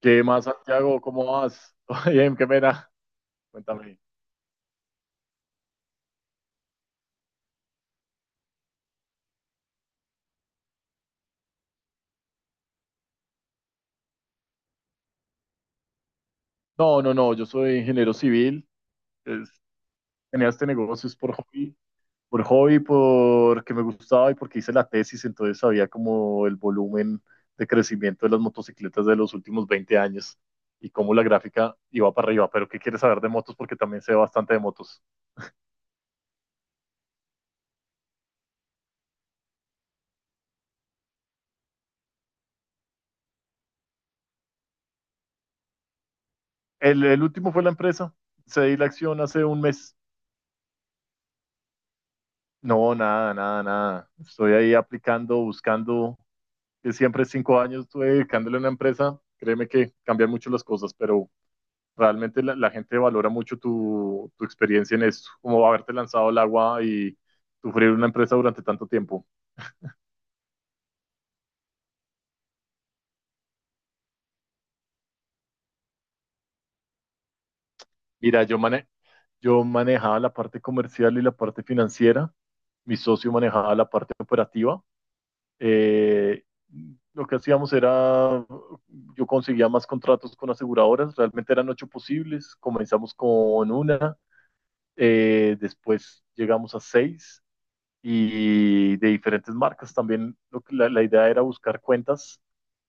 ¿Qué más, Santiago? ¿Cómo vas? Oye, qué pena. Cuéntame. No, no, no, yo soy ingeniero civil. es- Tenía este negocio es por hobby, porque me gustaba y porque hice la tesis, entonces sabía como el volumen de crecimiento de las motocicletas de los últimos 20 años y cómo la gráfica iba para arriba. Pero ¿qué quieres saber de motos? Porque también sé bastante de motos. El último fue la empresa. Cedí la acción hace un mes. No, nada, nada, nada. Estoy ahí aplicando, buscando. Que siempre 5 años estuve dedicándole a una empresa, créeme que cambian mucho las cosas, pero realmente la gente valora mucho tu experiencia en esto, como haberte lanzado al agua y sufrir una empresa durante tanto tiempo. Mira, yo manejaba la parte comercial y la parte financiera, mi socio manejaba la parte operativa. Eh, lo que hacíamos era, yo conseguía más contratos con aseguradoras, realmente eran ocho posibles, comenzamos con una, después llegamos a seis y de diferentes marcas. También la idea era buscar cuentas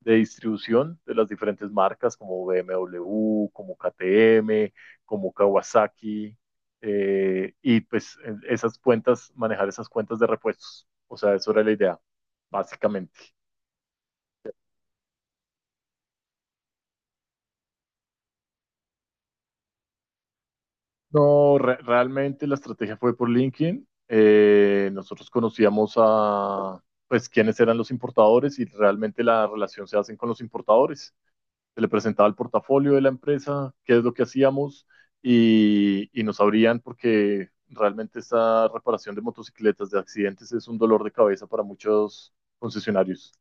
de distribución de las diferentes marcas como BMW, como KTM, como Kawasaki, y pues esas cuentas, manejar esas cuentas de repuestos. O sea, eso era la idea, básicamente. No, realmente la estrategia fue por LinkedIn. Nosotros conocíamos a, pues, quiénes eran los importadores y realmente la relación se hacen con los importadores. Se le presentaba el portafolio de la empresa, qué es lo que hacíamos y nos abrían porque realmente esta reparación de motocicletas, de accidentes, es un dolor de cabeza para muchos concesionarios.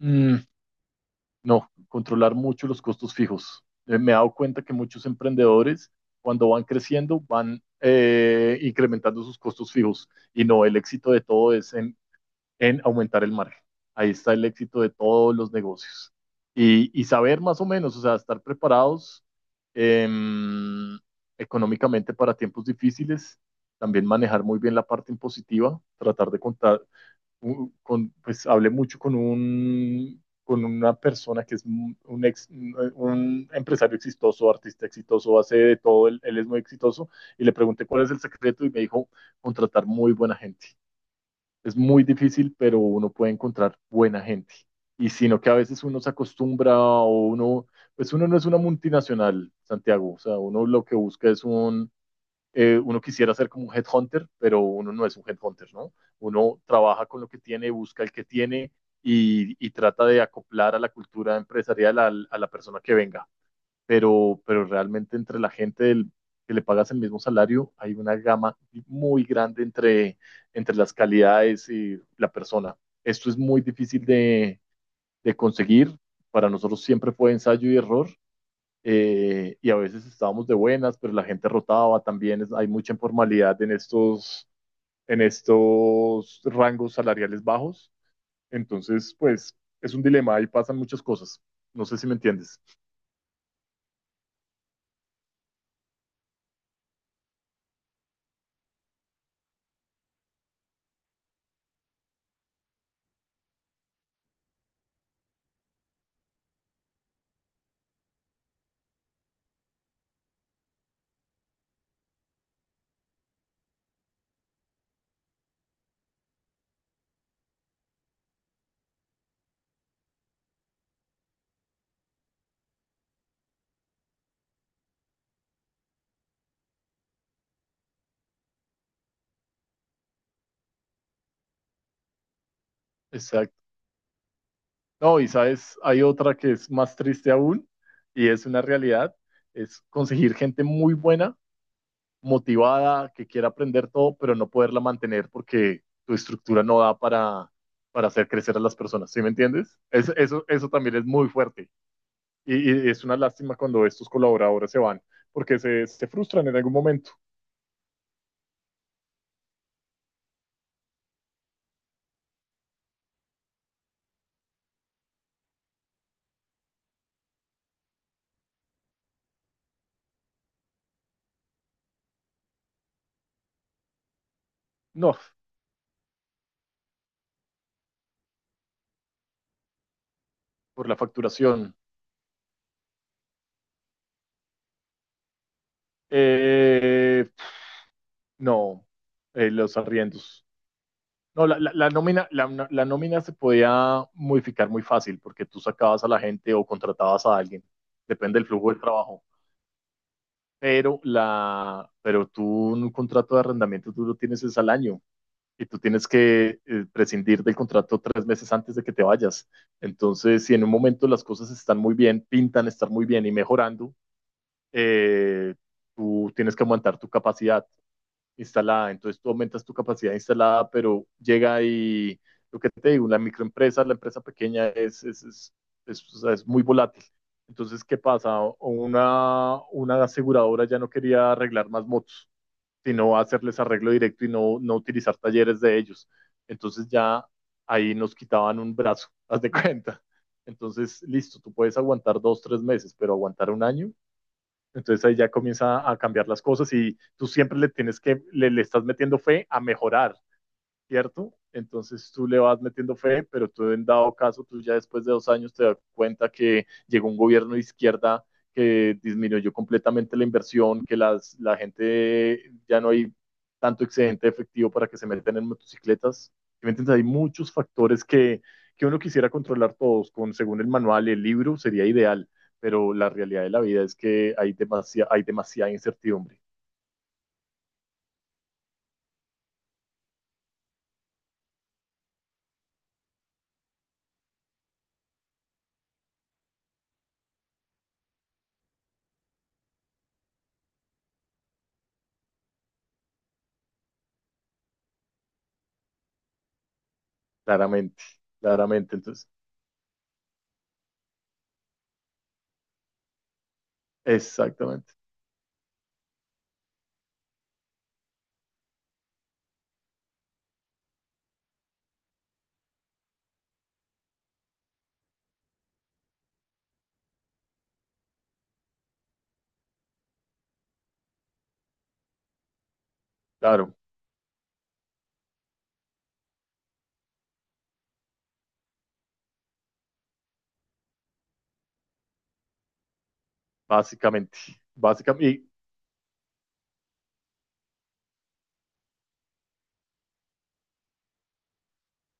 Mm. No, controlar mucho los costos fijos. Me he dado cuenta que muchos emprendedores, cuando van creciendo, van incrementando sus costos fijos. Y no, el éxito de todo es en aumentar el margen. Ahí está el éxito de todos los negocios. Y saber más o menos, o sea, estar preparados em, económicamente para tiempos difíciles, también manejar muy bien la parte impositiva, tratar de pues hablé mucho con una persona que es un ex, un empresario exitoso, artista exitoso, hace de todo, él es muy exitoso, y le pregunté cuál es el secreto y me dijo contratar muy buena gente. Es muy difícil, pero uno puede encontrar buena gente. Y sino que a veces uno se acostumbra o pues uno no es una multinacional, Santiago, o sea, uno lo que busca es un uno quisiera ser como un headhunter, pero uno no es un headhunter, ¿no? Uno trabaja con lo que tiene, busca el que tiene y trata de acoplar a la cultura empresarial a la persona que venga. Pero realmente entre la gente que le pagas el mismo salario, hay una gama muy grande entre las calidades y la persona. Esto es muy difícil de conseguir. Para nosotros siempre fue ensayo y error y a veces estábamos de buenas, pero la gente rotaba también, hay mucha informalidad en estos rangos salariales bajos, entonces pues es un dilema, ahí pasan muchas cosas, no sé si me entiendes. Exacto. No, y sabes, hay otra que es más triste aún, y es una realidad, es conseguir gente muy buena motivada, que quiera aprender todo, pero no poderla mantener porque tu estructura no da para hacer crecer a las personas, ¿sí me entiendes? Eso también es muy fuerte y, y, es una lástima cuando estos colaboradores se van porque se frustran en algún momento. No, por la facturación. Eh, no, los arriendos. No, la nómina se podía modificar muy fácil porque tú sacabas a la gente o contratabas a alguien. Depende del flujo del trabajo pero pero tú un contrato de arrendamiento tú lo tienes es al año y tú tienes que prescindir del contrato 3 meses antes de que te vayas. Entonces, si en un momento las cosas están muy bien, pintan estar muy bien y mejorando, eh, tú tienes que aumentar tu capacidad instalada. Entonces tú aumentas tu capacidad instalada, pero llega y lo que te digo, la microempresa, la empresa pequeña es, o sea, es muy volátil. Entonces, ¿qué pasa? Una aseguradora ya no quería arreglar más motos, sino hacerles arreglo directo y no utilizar talleres de ellos. Entonces ya ahí nos quitaban un brazo, haz de cuenta. Entonces, listo, tú puedes aguantar 2, 3 meses, pero aguantar un año, entonces ahí ya comienza a cambiar las cosas y tú siempre le tienes que, le estás metiendo fe a mejorar, ¿cierto? Entonces tú le vas metiendo fe, pero tú en dado caso, tú ya después de 2 años te das cuenta que llegó un gobierno de izquierda que disminuyó completamente la inversión, que la gente ya no hay tanto excedente efectivo para que se metan en motocicletas. ¿Sí? ¿Me entiendes? Hay muchos factores que uno quisiera controlar todos, según el manual, el libro sería ideal, pero la realidad de la vida es que hay demasiada incertidumbre, claramente, claramente. Entonces, exactamente, claro. Básicamente, básicamente, y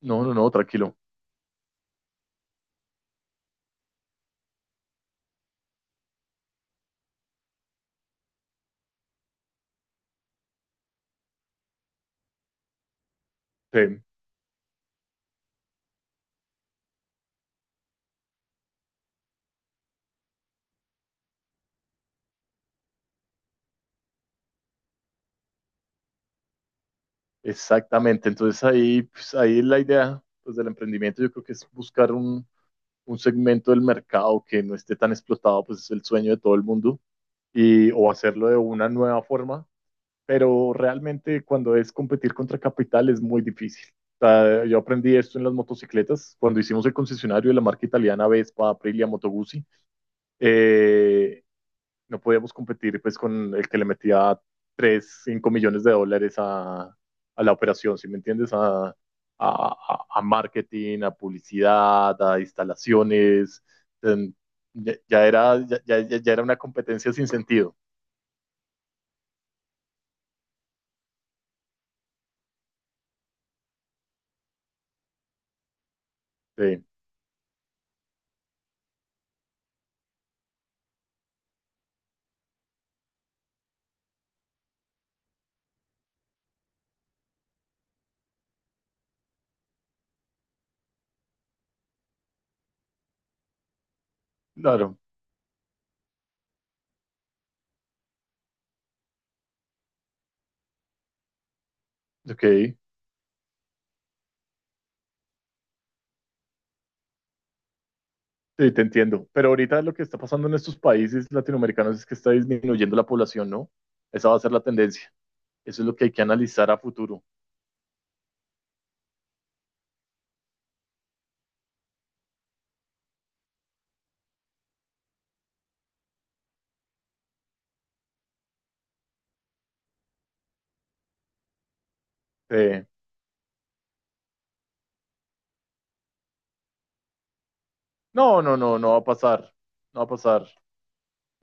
no, no, no, tranquilo. Sí, exactamente. Entonces ahí, pues, ahí la idea pues, del emprendimiento yo creo que es buscar un segmento del mercado que no esté tan explotado, pues es el sueño de todo el mundo, y, o hacerlo de una nueva forma, pero realmente cuando es competir contra capital es muy difícil. O sea, yo aprendí esto en las motocicletas, cuando hicimos el concesionario de la marca italiana Vespa, Aprilia, Moto Guzzi, eh, no podíamos competir pues con el que le metía 3 5 millones de dólares a la operación, ¿sí me entiendes? A marketing, a publicidad, a instalaciones. Ya era una competencia sin sentido. Sí, claro, ok. Sí, te entiendo. Pero ahorita lo que está pasando en estos países latinoamericanos es que está disminuyendo la población, ¿no? Esa va a ser la tendencia. Eso es lo que hay que analizar a futuro. Sí. No, no, no, no va a pasar. No va a pasar.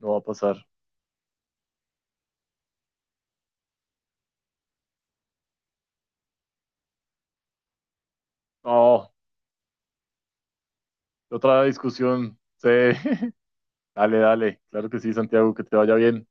No va a pasar. No, otra discusión. Sí. Dale, dale. Claro que sí, Santiago, que te vaya bien.